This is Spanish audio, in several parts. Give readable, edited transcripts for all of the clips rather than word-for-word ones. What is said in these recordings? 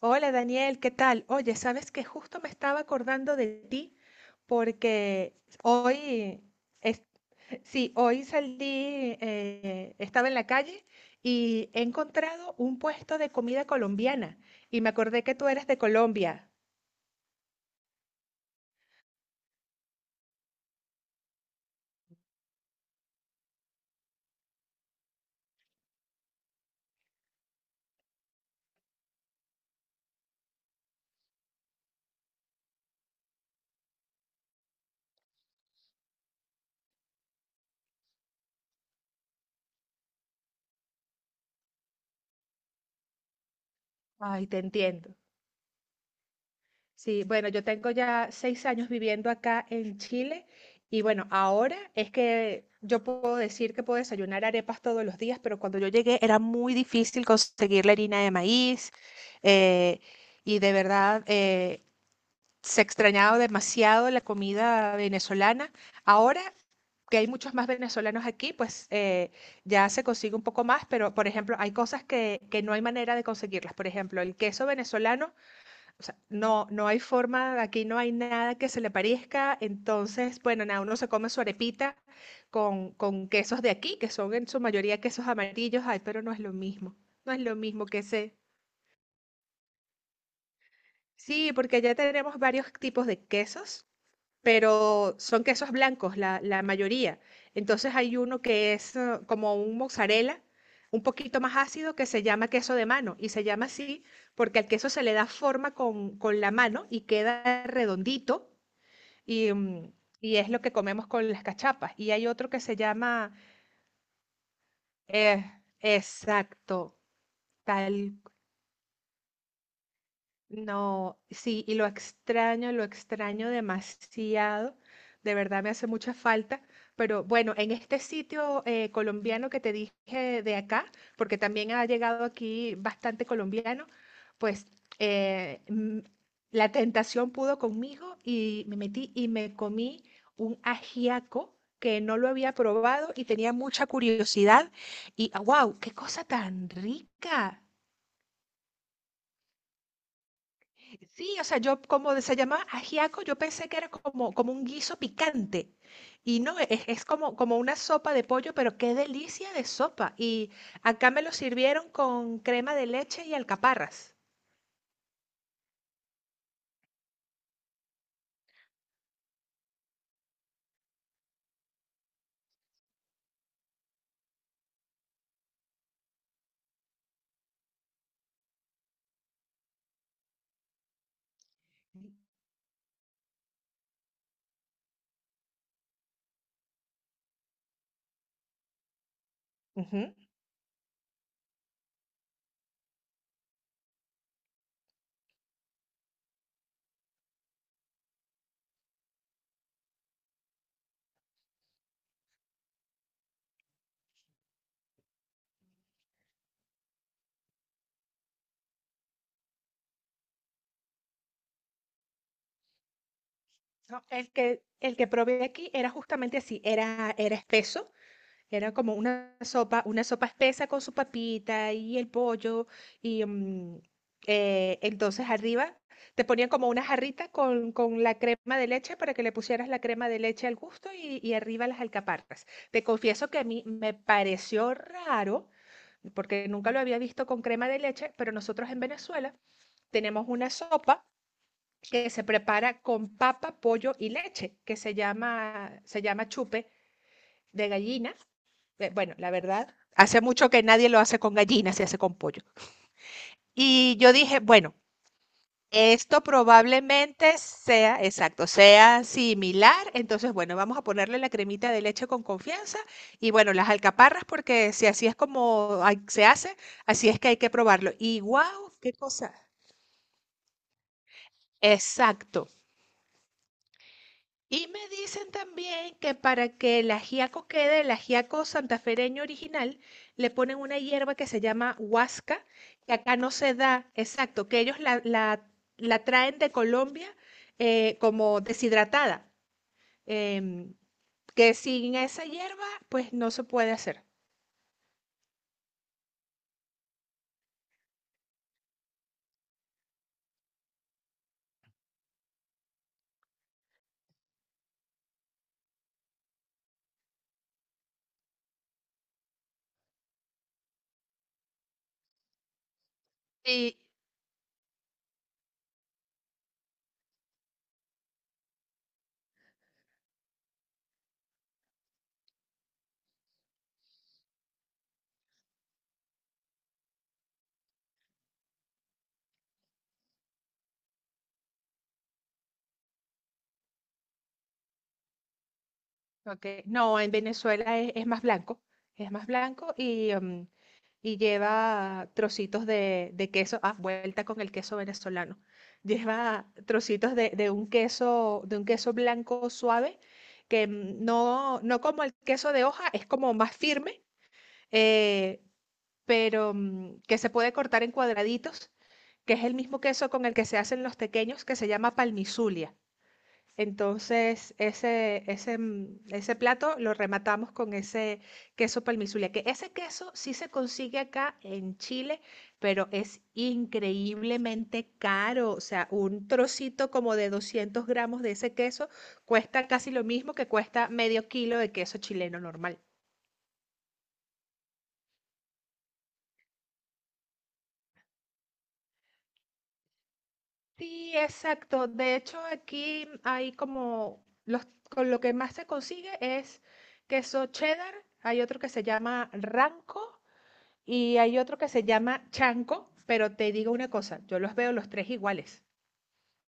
Hola Daniel, ¿qué tal? Oye, sabes que justo me estaba acordando de ti porque hoy, es- sí, hoy salí, estaba en la calle y he encontrado un puesto de comida colombiana y me acordé que tú eres de Colombia. Ay, te entiendo. Sí, bueno, yo tengo ya 6 años viviendo acá en Chile y bueno, ahora es que yo puedo decir que puedo desayunar arepas todos los días, pero cuando yo llegué era muy difícil conseguir la harina de maíz, eh, y de verdad, se extrañaba demasiado la comida venezolana. Ahora que hay muchos más venezolanos aquí, pues, ya se consigue un poco más, pero por ejemplo, hay cosas que no hay manera de conseguirlas. Por ejemplo, el queso venezolano. O sea, no, no hay forma, aquí no hay nada que se le parezca. Entonces, bueno, nada, uno se come su arepita con quesos de aquí, que son en su mayoría quesos amarillos. Ay, pero no es lo mismo. No es lo mismo que ese. Sí, porque ya tenemos varios tipos de quesos, pero son quesos blancos, la mayoría. Entonces hay uno que es, como un mozzarella, un poquito más ácido, que se llama queso de mano. Y se llama así porque al queso se le da forma con la mano y queda redondito y, y es lo que comemos con las cachapas. Y hay otro que se llama, eh, exacto, tal no, sí, y lo extraño demasiado. De verdad me hace mucha falta. Pero bueno, en este sitio, colombiano que te dije de acá, porque también ha llegado aquí bastante colombiano, pues, eh, mm, la tentación pudo conmigo y me metí y me comí un ajiaco que no lo había probado y tenía mucha curiosidad. Y wow, qué cosa tan rica. Sí, o sea, yo como se llamaba ajiaco, yo pensé que era como, un guiso picante. Y no, es como, una sopa de pollo, pero qué delicia de sopa. Y acá me lo sirvieron con crema de leche y alcaparras. Ujú. No, el que probé aquí era justamente así, era espeso. Era como una sopa espesa con su papita y el pollo. Y, entonces arriba te ponían como una jarrita con la crema de leche para que le pusieras la crema de leche al gusto y, arriba las alcaparras. Te confieso que a mí me pareció raro, porque nunca lo había visto con crema de leche, pero nosotros en Venezuela tenemos una sopa que se prepara con papa, pollo y leche, que se llama chupe de gallina. Bueno, la verdad, hace mucho que nadie lo hace con gallinas, se hace con pollo. Y yo dije, bueno, esto probablemente sea, exacto, sea similar. Entonces, bueno, vamos a ponerle la cremita de leche con confianza y bueno, las alcaparras, porque si así es como se hace, así es que hay que probarlo. Y wow, qué cosa. Exacto. Y me dicen también que para que el ajiaco quede, el ajiaco santafereño original, le ponen una hierba que se llama huasca, que acá no se da, exacto, que ellos la traen de Colombia, como deshidratada, em, que sin esa hierba pues no se puede hacer. Y, ok, no, en Venezuela es más blanco, es más blanco y lleva trocitos de queso. Ah, vuelta con el queso venezolano. Lleva trocitos de un queso blanco suave, que, no, no como el queso de hoja, es como más firme, eh, pero, que se puede cortar en cuadraditos, que es el mismo queso con el que se hacen los tequeños, que se llama palmizulia. Entonces, ese plato lo rematamos con ese queso palmizule, que ese queso sí se consigue acá en Chile, pero es increíblemente caro. O sea, un trocito como de 200 gramos de ese queso cuesta casi lo mismo que cuesta medio kilo de queso chileno normal. Sí, exacto. De hecho, aquí hay como con lo que más se consigue es queso cheddar. Hay otro que se llama ranco. Y hay otro que se llama chanco, pero te digo una cosa, yo los veo los tres iguales.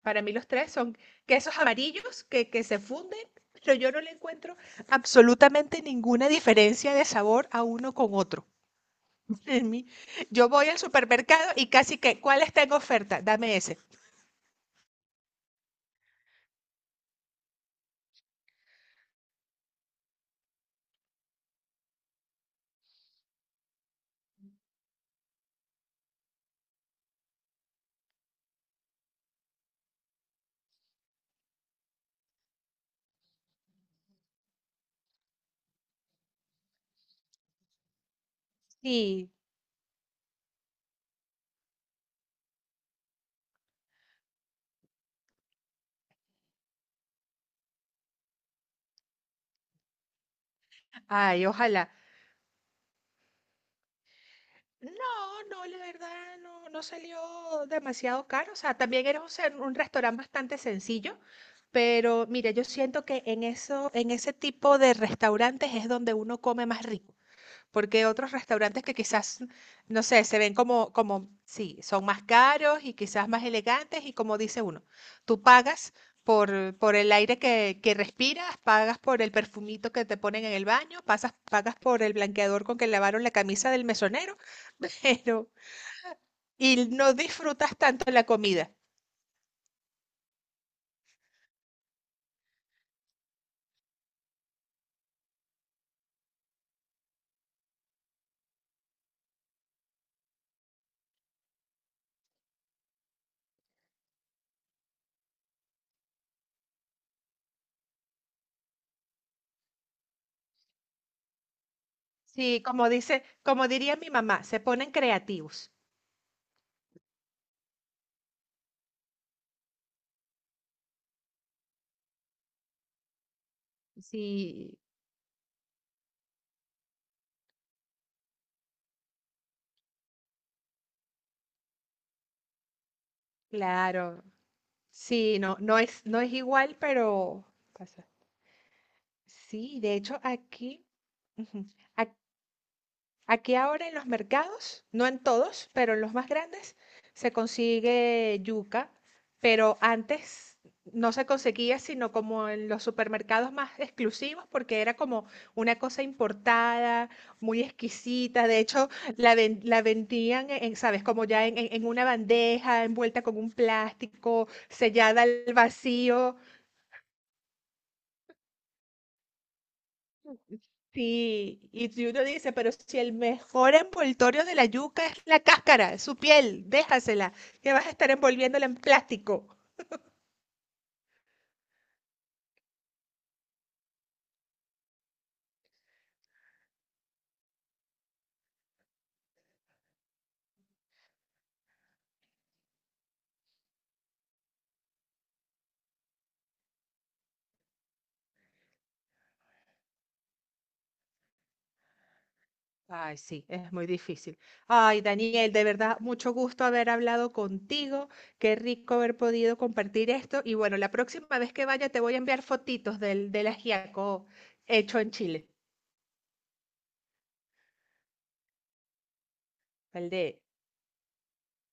Para mí los tres son quesos amarillos que se funden, pero yo no le encuentro absolutamente ninguna diferencia de sabor a uno con otro. En mí, yo voy al supermercado y casi que, ¿cuál está en oferta? Dame ese. Sí, ay, ojalá. No, no, la verdad no, no salió demasiado caro. O sea, también era un restaurante bastante sencillo, pero mira, yo siento que en ese tipo de restaurantes es donde uno come más rico. Porque otros restaurantes que quizás, no sé, se ven como, sí, son más caros y quizás más elegantes y como dice uno, tú pagas por el aire que respiras, pagas por el perfumito que te ponen en el baño, pagas por el blanqueador con que lavaron la camisa del mesonero, pero, y no disfrutas tanto la comida. Sí, como dice, como diría mi mamá, se ponen creativos. Sí, claro. Sí, no, no es igual, pero pasa. Sí, de hecho aquí, ujú, ac- aquí ahora en los mercados, no en todos, pero en los más grandes, se consigue yuca, pero antes no se conseguía sino como en los supermercados más exclusivos, porque era como una cosa importada, muy exquisita. De hecho, la vendían, ¿sabes? Como ya en una bandeja, envuelta con un plástico, sellada al vacío. Sí, y si uno dice, pero si el mejor envoltorio de la yuca es la cáscara, es su piel, déjasela, que vas a estar envolviéndola en plástico. Ay, sí, es muy difícil. Ay, Daniel, de verdad, mucho gusto haber hablado contigo. Qué rico haber podido compartir esto. Y bueno, la próxima vez que vaya te voy a enviar fotitos del ajiaco hecho en Chile, el de